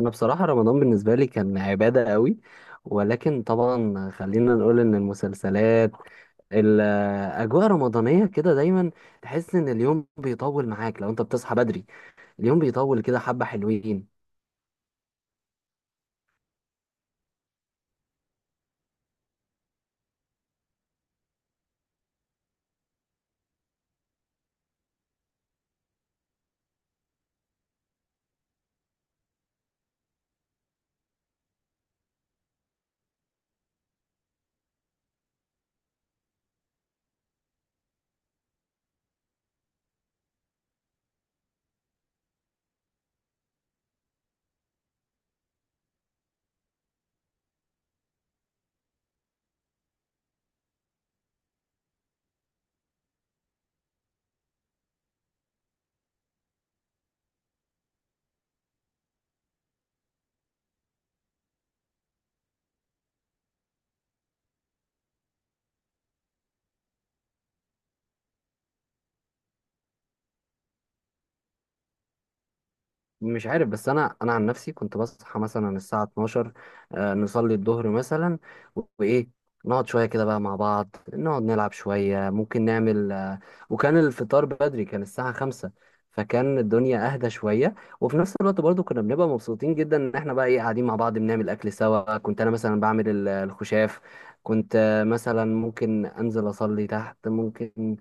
انا بصراحة رمضان بالنسبة لي كان عبادة قوي، ولكن طبعا خلينا نقول ان المسلسلات الاجواء رمضانية كده دايما تحس ان اليوم بيطول معاك لو انت بتصحى بدري، اليوم بيطول كده حبة حلوين. مش عارف، بس انا عن نفسي كنت بصحى مثلا الساعه 12، نصلي الظهر مثلا، وايه نقعد شويه كده بقى مع بعض، نقعد نلعب شويه، ممكن نعمل وكان الفطار بدري، كان الساعه 5، فكان الدنيا اهدى شويه. وفي نفس الوقت برضو كنا بنبقى مبسوطين جدا ان احنا بقى ايه قاعدين مع بعض بنعمل اكل سوا. كنت انا مثلا بعمل الخشاف. كنت مثلا ممكن انزل اصلي تحت. ممكن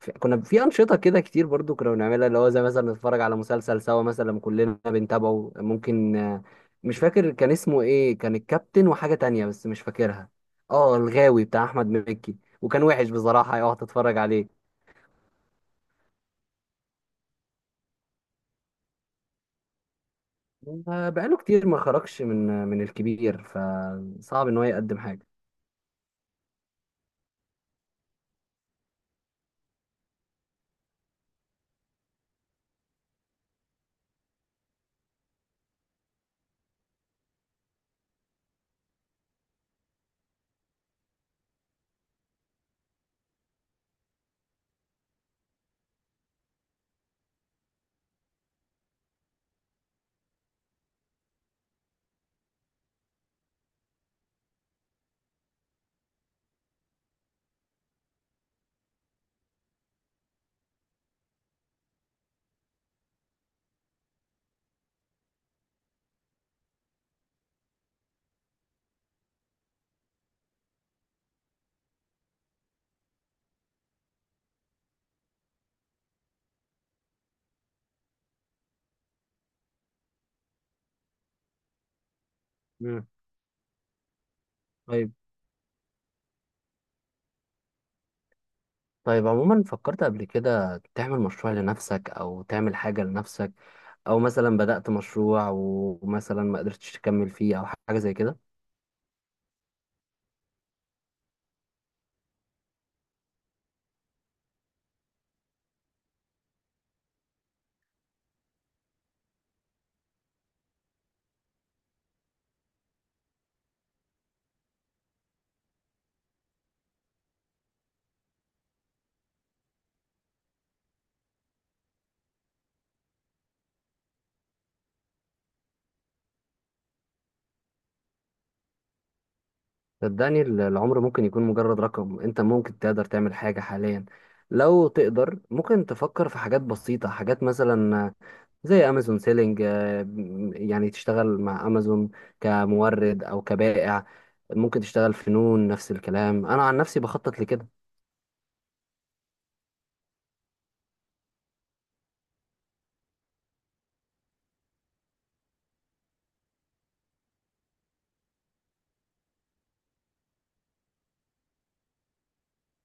كنا في انشطه كده كتير برضو كنا بنعملها، اللي هو زي مثلا نتفرج على مسلسل سوا مثلا لما كلنا بنتابعه. ممكن مش فاكر كان اسمه ايه، كان الكابتن وحاجه تانية بس مش فاكرها. اه الغاوي بتاع احمد مكي، وكان وحش بصراحه اقعد اتفرج عليه. بقاله كتير ما خرجش من الكبير، فصعب ان هو يقدم حاجه. مم. طيب. طيب، عموما فكرت قبل كده تعمل مشروع لنفسك او تعمل حاجه لنفسك، او مثلا بدأت مشروع ومثلا ما قدرتش تكمل فيه او حاجه زي كده؟ صدقني العمر ممكن يكون مجرد رقم. انت ممكن تقدر تعمل حاجة حاليا لو تقدر. ممكن تفكر في حاجات بسيطة، حاجات مثلا زي امازون سيلينج، يعني تشتغل مع امازون كمورد او كبائع. ممكن تشتغل في نون، نفس الكلام، انا عن نفسي بخطط لكده.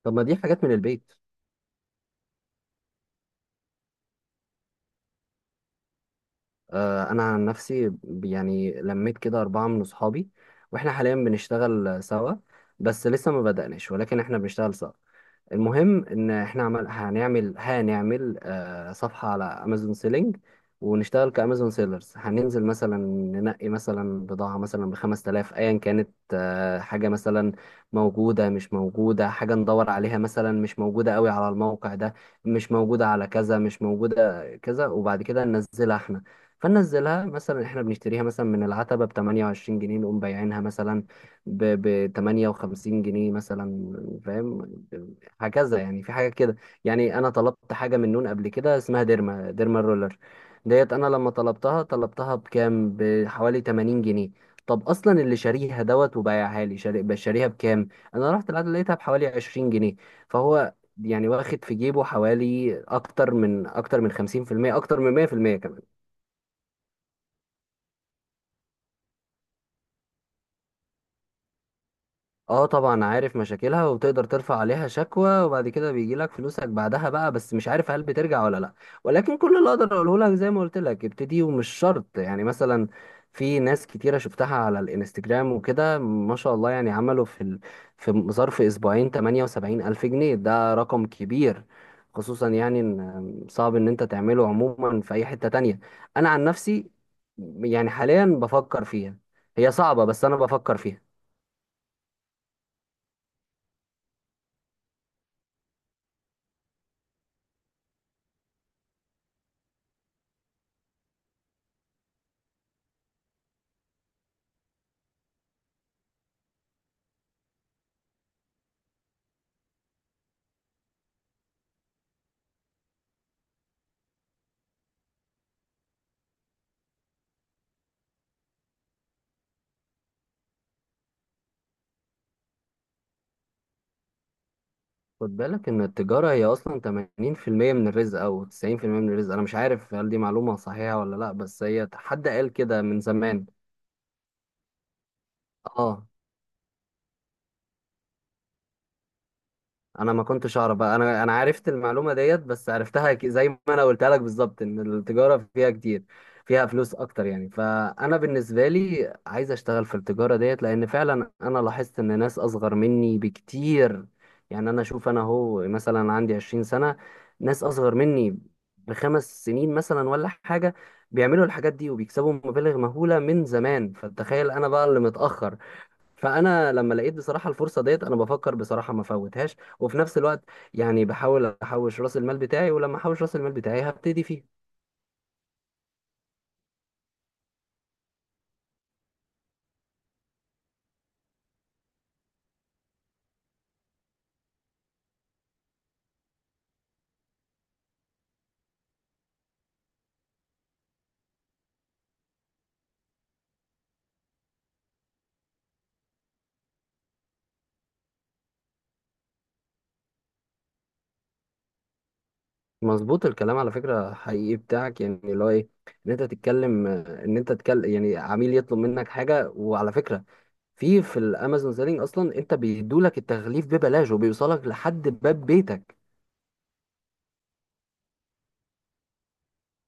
طب ما دي حاجات من البيت. انا عن نفسي يعني لميت كده اربعة من اصحابي واحنا حاليا بنشتغل سوا. بس لسه ما بدأناش، ولكن احنا بنشتغل سوا. المهم ان احنا عمل هنعمل هنعمل صفحة على امازون سيلينج، ونشتغل كامازون سيلرز. هننزل مثلا، ننقي مثلا بضاعة مثلا ب 5000، ايا كانت حاجة مثلا موجودة مش موجودة. حاجة ندور عليها مثلا مش موجودة قوي على الموقع ده، مش موجودة على كذا، مش موجودة كذا. وبعد كده ننزلها احنا. فننزلها مثلا، احنا بنشتريها مثلا من العتبة ب 28 جنيه، نقوم بايعينها مثلا ب 58 جنيه مثلا. فاهم؟ هكذا يعني، في حاجة كده. يعني أنا طلبت حاجة من نون قبل كده اسمها ديرما رولر. ديت أنا لما طلبتها طلبتها بكام؟ بحوالي 80 جنيه. طب أصلا اللي شاريها دوت وبايعها لي بقى شاريها بكام؟ أنا رحت العدد لقيتها بحوالي 20 جنيه. فهو يعني واخد في جيبه حوالي أكتر من 50%، أكتر من 100% كمان. اه طبعا عارف مشاكلها، وبتقدر ترفع عليها شكوى وبعد كده بيجي لك فلوسك بعدها بقى، بس مش عارف هل بترجع ولا لا. ولكن كل اللي اقدر اقوله لك زي ما قلت لك ابتدي، ومش شرط. يعني مثلا في ناس كتيرة شفتها على الانستجرام وكده ما شاء الله، يعني عملوا في ظرف اسبوعين 78 الف جنيه. ده رقم كبير، خصوصا يعني ان صعب ان انت تعمله عموما في اي حتة تانية. انا عن نفسي يعني حاليا بفكر فيها. هي صعبة، بس انا بفكر فيها. خد بالك ان التجارة هي اصلا 80% من الرزق، او 90% من الرزق. انا مش عارف هل دي معلومة صحيحة ولا لا، بس هي حد قال كده من زمان. اه، انا ما كنتش اعرف بقى. انا عرفت المعلومه ديت، بس عرفتها زي ما انا قلتها لك بالظبط، ان التجاره فيها كتير، فيها فلوس اكتر يعني. فانا بالنسبه لي عايز اشتغل في التجاره ديت، لان فعلا انا لاحظت ان ناس اصغر مني بكتير. يعني انا اشوف انا هو مثلا عندي 20 سنه، ناس اصغر مني ب 5 سنين مثلا ولا حاجه، بيعملوا الحاجات دي وبيكسبوا مبالغ مهوله من زمان. فتخيل انا بقى اللي متاخر. فانا لما لقيت بصراحه الفرصه ديت، انا بفكر بصراحه ما فوتهاش. وفي نفس الوقت يعني بحاول احوش راس المال بتاعي، ولما احوش راس المال بتاعي هبتدي فيه. مظبوط الكلام على فكره، حقيقي بتاعك يعني، اللي هو ايه، ان انت تتكلم يعني عميل يطلب منك حاجه. وعلى فكره في الامازون سيلينج اصلا انت بيدولك التغليف ببلاش، وبيوصلك لحد باب بيتك.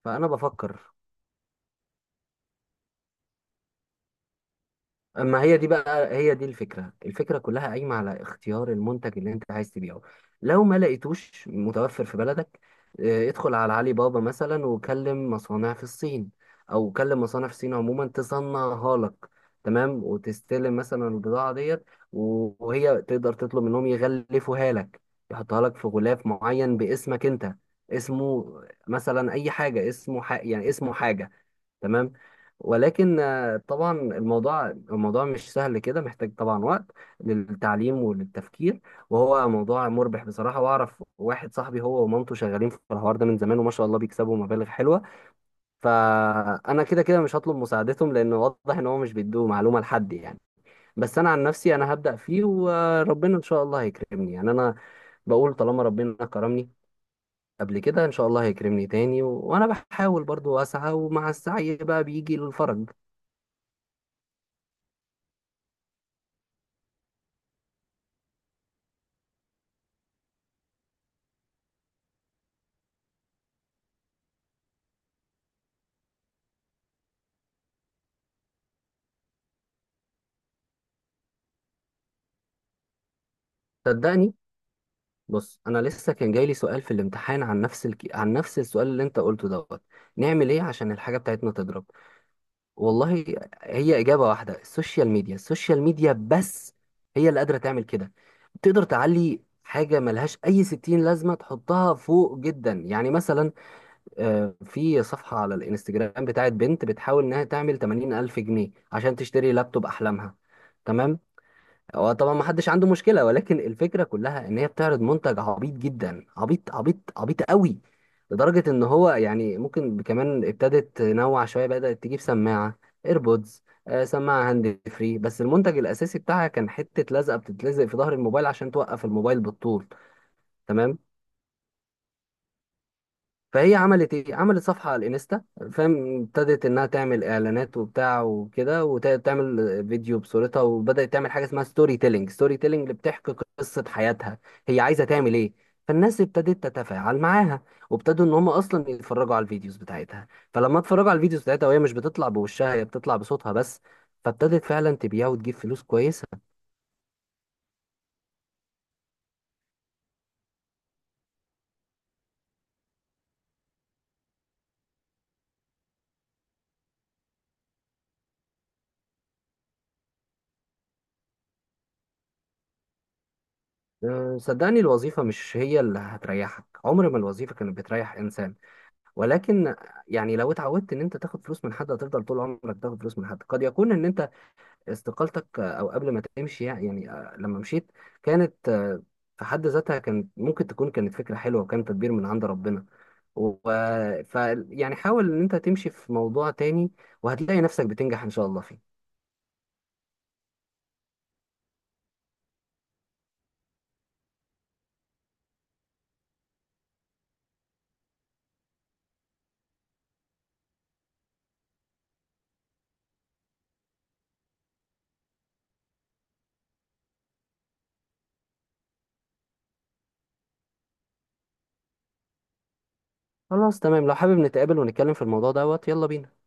فانا بفكر. اما هي دي الفكره. الفكره كلها قايمه على اختيار المنتج اللي انت عايز تبيعه. لو ما لقيتوش متوفر في بلدك، ادخل على علي بابا مثلا وكلم مصانع في الصين، او كلم مصانع في الصين عموما تصنعها لك. تمام. وتستلم مثلا البضاعه ديت. وهي تقدر تطلب منهم يغلفوها لك، يحطها لك في غلاف معين باسمك انت. اسمه مثلا اي حاجه، اسمه يعني اسمه حاجه. تمام. ولكن طبعا الموضوع مش سهل كده، محتاج طبعا وقت للتعليم وللتفكير. وهو موضوع مربح بصراحة. واعرف واحد صاحبي هو ومامته شغالين في الحوار ده من زمان، وما شاء الله بيكسبوا مبالغ حلوة. فأنا كده كده مش هطلب مساعدتهم، لأن واضح إن هو مش بيدوا معلومة لحد يعني. بس أنا عن نفسي أنا هبدأ فيه، وربنا إن شاء الله هيكرمني. يعني أنا بقول طالما ربنا كرمني قبل كده إن شاء الله هيكرمني تاني. و... وأنا بحاول برضو أسعى، ومع السعي بقى بيجي الفرج. صدقني بص، انا لسه كان جاي لي سؤال في الامتحان عن نفس عن نفس السؤال اللي انت قلته دوت، نعمل ايه عشان الحاجه بتاعتنا تضرب؟ والله هي اجابه واحده، السوشيال ميديا، السوشيال ميديا بس هي اللي قادره تعمل كده. تقدر تعلي حاجه ملهاش اي ستين لازمه تحطها فوق جدا. يعني مثلا في صفحه على الانستجرام بتاعت بنت بتحاول انها تعمل 80 الف جنيه عشان تشتري لابتوب احلامها. تمام. هو طبعا ما حدش عنده مشكله، ولكن الفكره كلها ان هي بتعرض منتج عبيط جدا، عبيط عبيط عبيط قوي، لدرجه ان هو يعني ممكن كمان ابتدت تنوع شويه، بدات تجيب سماعه ايربودز، آه سماعه هاند فري. بس المنتج الاساسي بتاعها كان حته لزقه بتتلزق في ظهر الموبايل عشان توقف الموبايل بالطول. تمام. فهي عملت ايه؟ عملت صفحة على الانستا. فاهم؟ ابتدت انها تعمل اعلانات وبتاع وكده وتعمل فيديو بصورتها، وبدأت تعمل حاجة اسمها ستوري تيلينج، ستوري تيلينج اللي بتحكي قصة حياتها هي عايزة تعمل ايه. فالناس ابتدت تتفاعل معاها، وابتدوا ان هم اصلا يتفرجوا على الفيديوز بتاعتها. فلما اتفرجوا على الفيديوز بتاعتها وهي مش بتطلع بوشها، هي بتطلع بصوتها بس، فابتدت فعلا تبيع وتجيب فلوس كويسة. أه، صدقني الوظيفة مش هي اللي هتريحك. عمر ما الوظيفة كانت بتريح انسان. ولكن يعني لو اتعودت ان انت تاخد فلوس من حد، هتفضل طول عمرك تاخد فلوس من حد. قد يكون ان انت استقالتك، او قبل ما تمشي يعني، لما مشيت كانت في حد ذاتها كانت ممكن تكون كانت فكرة حلوة، وكان تدبير من عند ربنا. و... ف يعني حاول ان انت تمشي في موضوع تاني، وهتلاقي نفسك بتنجح ان شاء الله فيه. خلاص تمام، لو حابب نتقابل ونتكلم في الموضوع دوت يلا بينا.